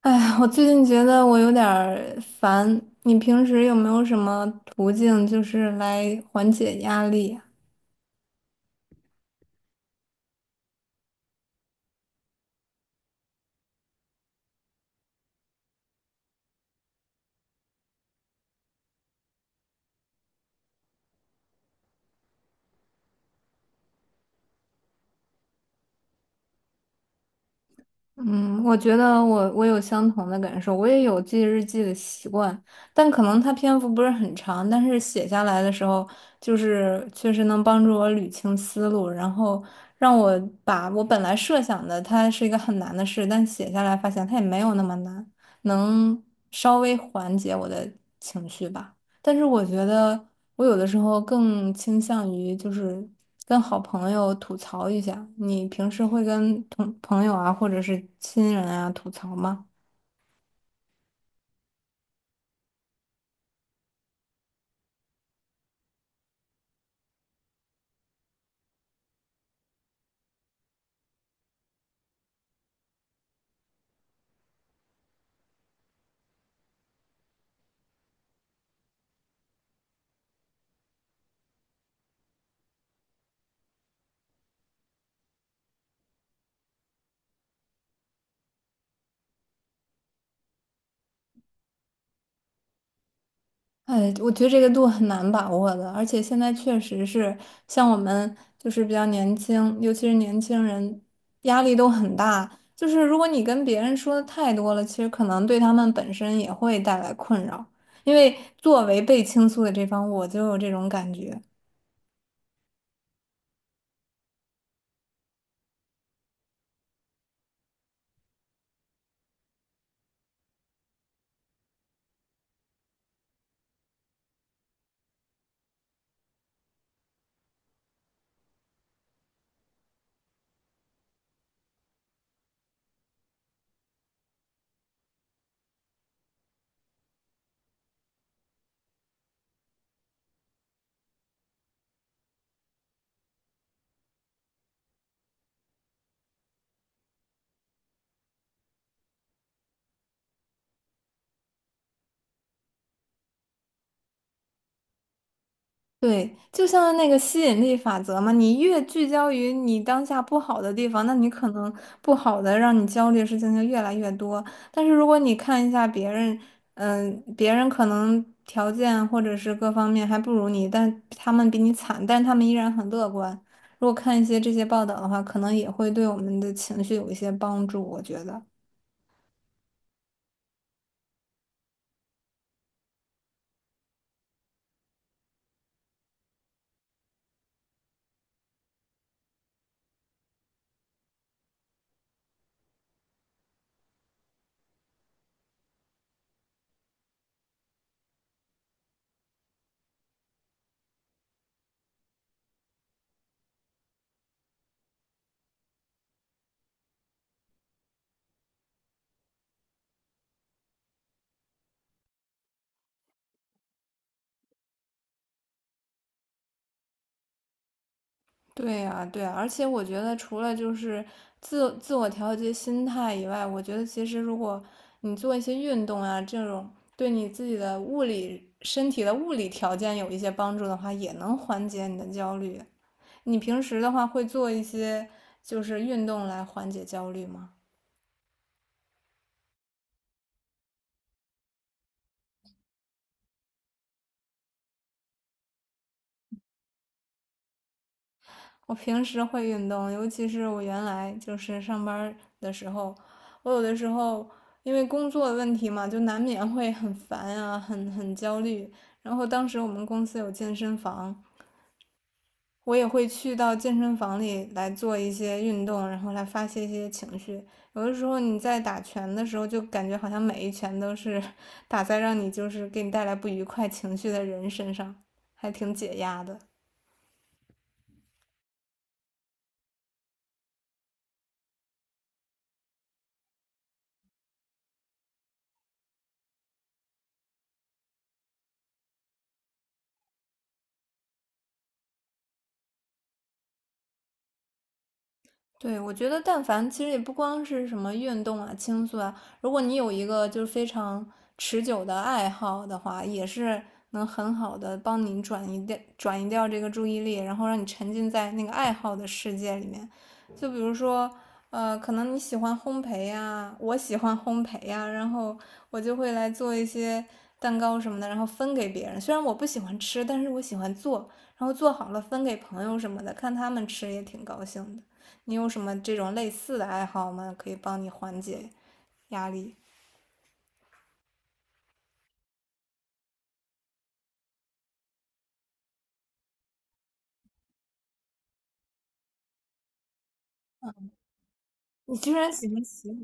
哎，我最近觉得我有点儿烦，你平时有没有什么途径就是来缓解压力呀。嗯，我觉得我有相同的感受，我也有记日记的习惯，但可能它篇幅不是很长，但是写下来的时候，就是确实能帮助我捋清思路，然后让我把我本来设想的它是一个很难的事，但写下来发现它也没有那么难，能稍微缓解我的情绪吧。但是我觉得。我有的时候更倾向于就是跟好朋友吐槽一下。你平时会跟同朋友啊，或者是亲人啊吐槽吗？哎，我觉得这个度很难把握的，而且现在确实是像我们就是比较年轻，尤其是年轻人，压力都很大。就是如果你跟别人说的太多了，其实可能对他们本身也会带来困扰。因为作为被倾诉的这方，我就有这种感觉。对，就像那个吸引力法则嘛，你越聚焦于你当下不好的地方，那你可能不好的让你焦虑的事情就越来越多。但是如果你看一下别人，别人可能条件或者是各方面还不如你，但他们比你惨，但他们依然很乐观。如果看一些这些报道的话，可能也会对我们的情绪有一些帮助，我觉得。对呀，对呀，而且我觉得除了就是自我调节心态以外，我觉得其实如果你做一些运动啊，这种对你自己的物理身体的物理条件有一些帮助的话，也能缓解你的焦虑。你平时的话会做一些就是运动来缓解焦虑吗？我平时会运动，尤其是我原来就是上班儿的时候，我有的时候因为工作的问题嘛，就难免会很烦啊，很焦虑。然后当时我们公司有健身房，我也会去到健身房里来做一些运动，然后来发泄一些情绪。有的时候你在打拳的时候，就感觉好像每一拳都是打在让你就是给你带来不愉快情绪的人身上，还挺解压的。对，我觉得但凡其实也不光是什么运动啊、倾诉啊，如果你有一个就是非常持久的爱好的话，也是能很好的帮你转移掉这个注意力，然后让你沉浸在那个爱好的世界里面。就比如说，可能你喜欢烘焙呀，我喜欢烘焙呀，然后我就会来做一些蛋糕什么的，然后分给别人。虽然我不喜欢吃，但是我喜欢做，然后做好了分给朋友什么的，看他们吃也挺高兴的。你有什么这种类似的爱好吗？可以帮你缓解压力。你居然喜欢洗碗，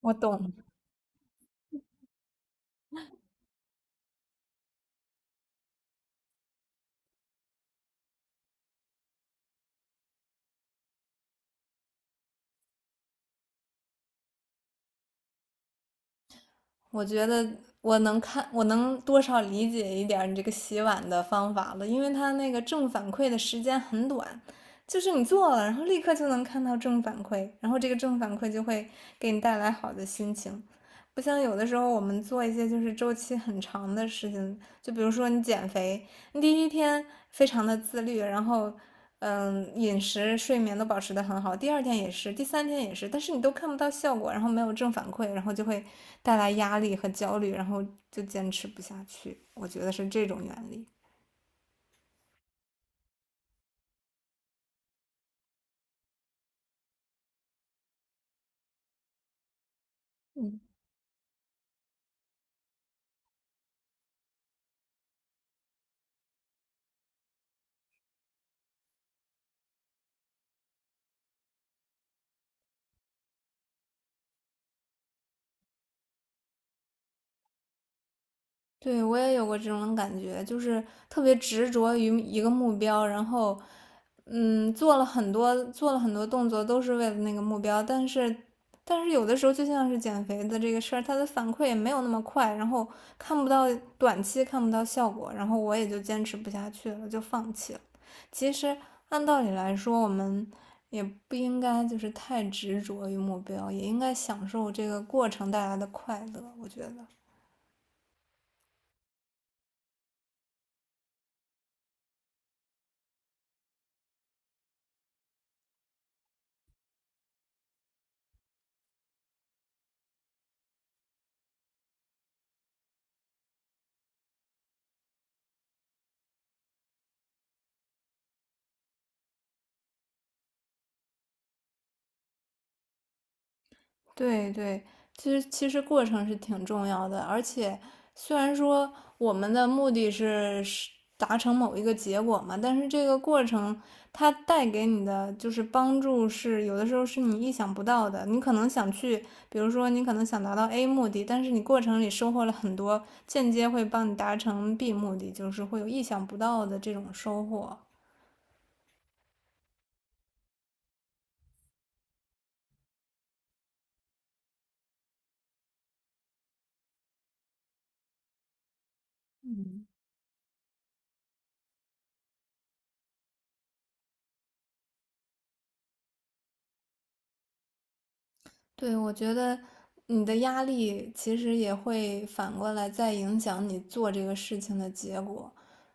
我懂了。我觉得我能看，我能多少理解一点儿你这个洗碗的方法了，因为它那个正反馈的时间很短，就是你做了，然后立刻就能看到正反馈，然后这个正反馈就会给你带来好的心情。不像有的时候我们做一些就是周期很长的事情，就比如说你减肥，你第一天非常的自律，然后饮食、睡眠都保持得很好，第二天也是，第三天也是，但是你都看不到效果，然后没有正反馈，然后就会带来压力和焦虑，然后就坚持不下去。我觉得是这种原理。嗯，对，我也有过这种感觉，就是特别执着于一个目标，然后做了很多动作，都是为了那个目标，但是有的时候就像是减肥的这个事儿，它的反馈也没有那么快，然后看不到短期看不到效果，然后我也就坚持不下去了，就放弃了。其实按道理来说，我们也不应该就是太执着于目标，也应该享受这个过程带来的快乐，我觉得。对对，其实过程是挺重要的，而且虽然说我们的目的是达成某一个结果嘛，但是这个过程它带给你的就是帮助是有的时候是你意想不到的。你可能想去，比如说你可能想达到 A 目的，但是你过程里收获了很多间接会帮你达成 B 目的，就是会有意想不到的这种收获。对，我觉得你的压力其实也会反过来再影响你做这个事情的结果，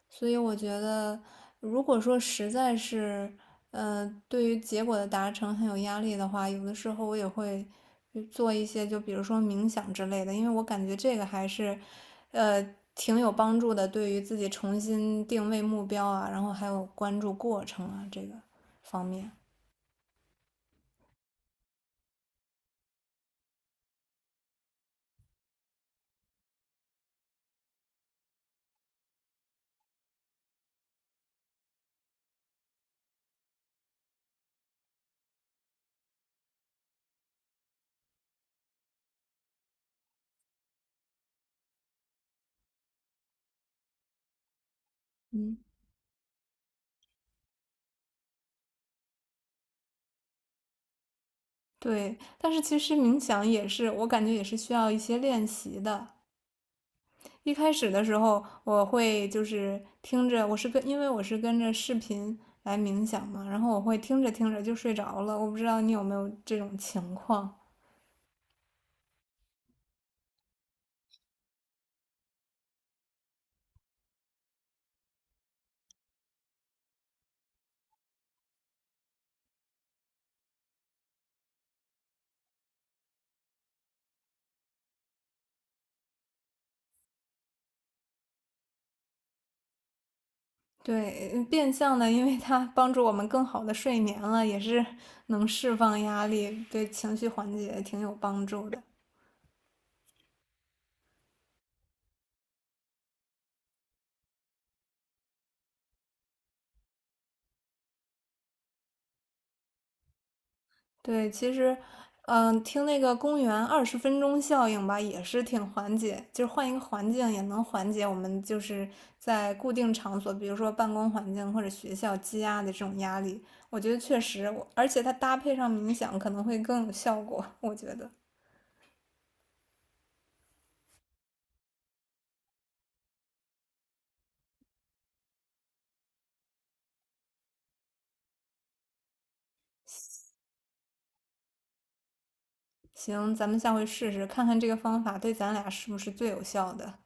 所以我觉得，如果说实在是，对于结果的达成很有压力的话，有的时候我也会去做一些，就比如说冥想之类的，因为我感觉这个还是，呃，挺有帮助的，对于自己重新定位目标啊，然后还有关注过程啊，这个方面。嗯对，但是其实冥想也是，我感觉也是需要一些练习的。一开始的时候，我会就是听着，我是跟，因为我是跟着视频来冥想嘛，然后我会听着听着就睡着了。我不知道你有没有这种情况？对，变相的，因为它帮助我们更好的睡眠了，也是能释放压力，对情绪缓解挺有帮助的。对，其实，听那个公园20分钟效应吧，也是挺缓解，就是换一个环境也能缓解我们就是在固定场所，比如说办公环境或者学校积压的这种压力。我觉得确实我，而且它搭配上冥想可能会更有效果，我觉得。行，咱们下回试试，看看这个方法对咱俩是不是最有效的。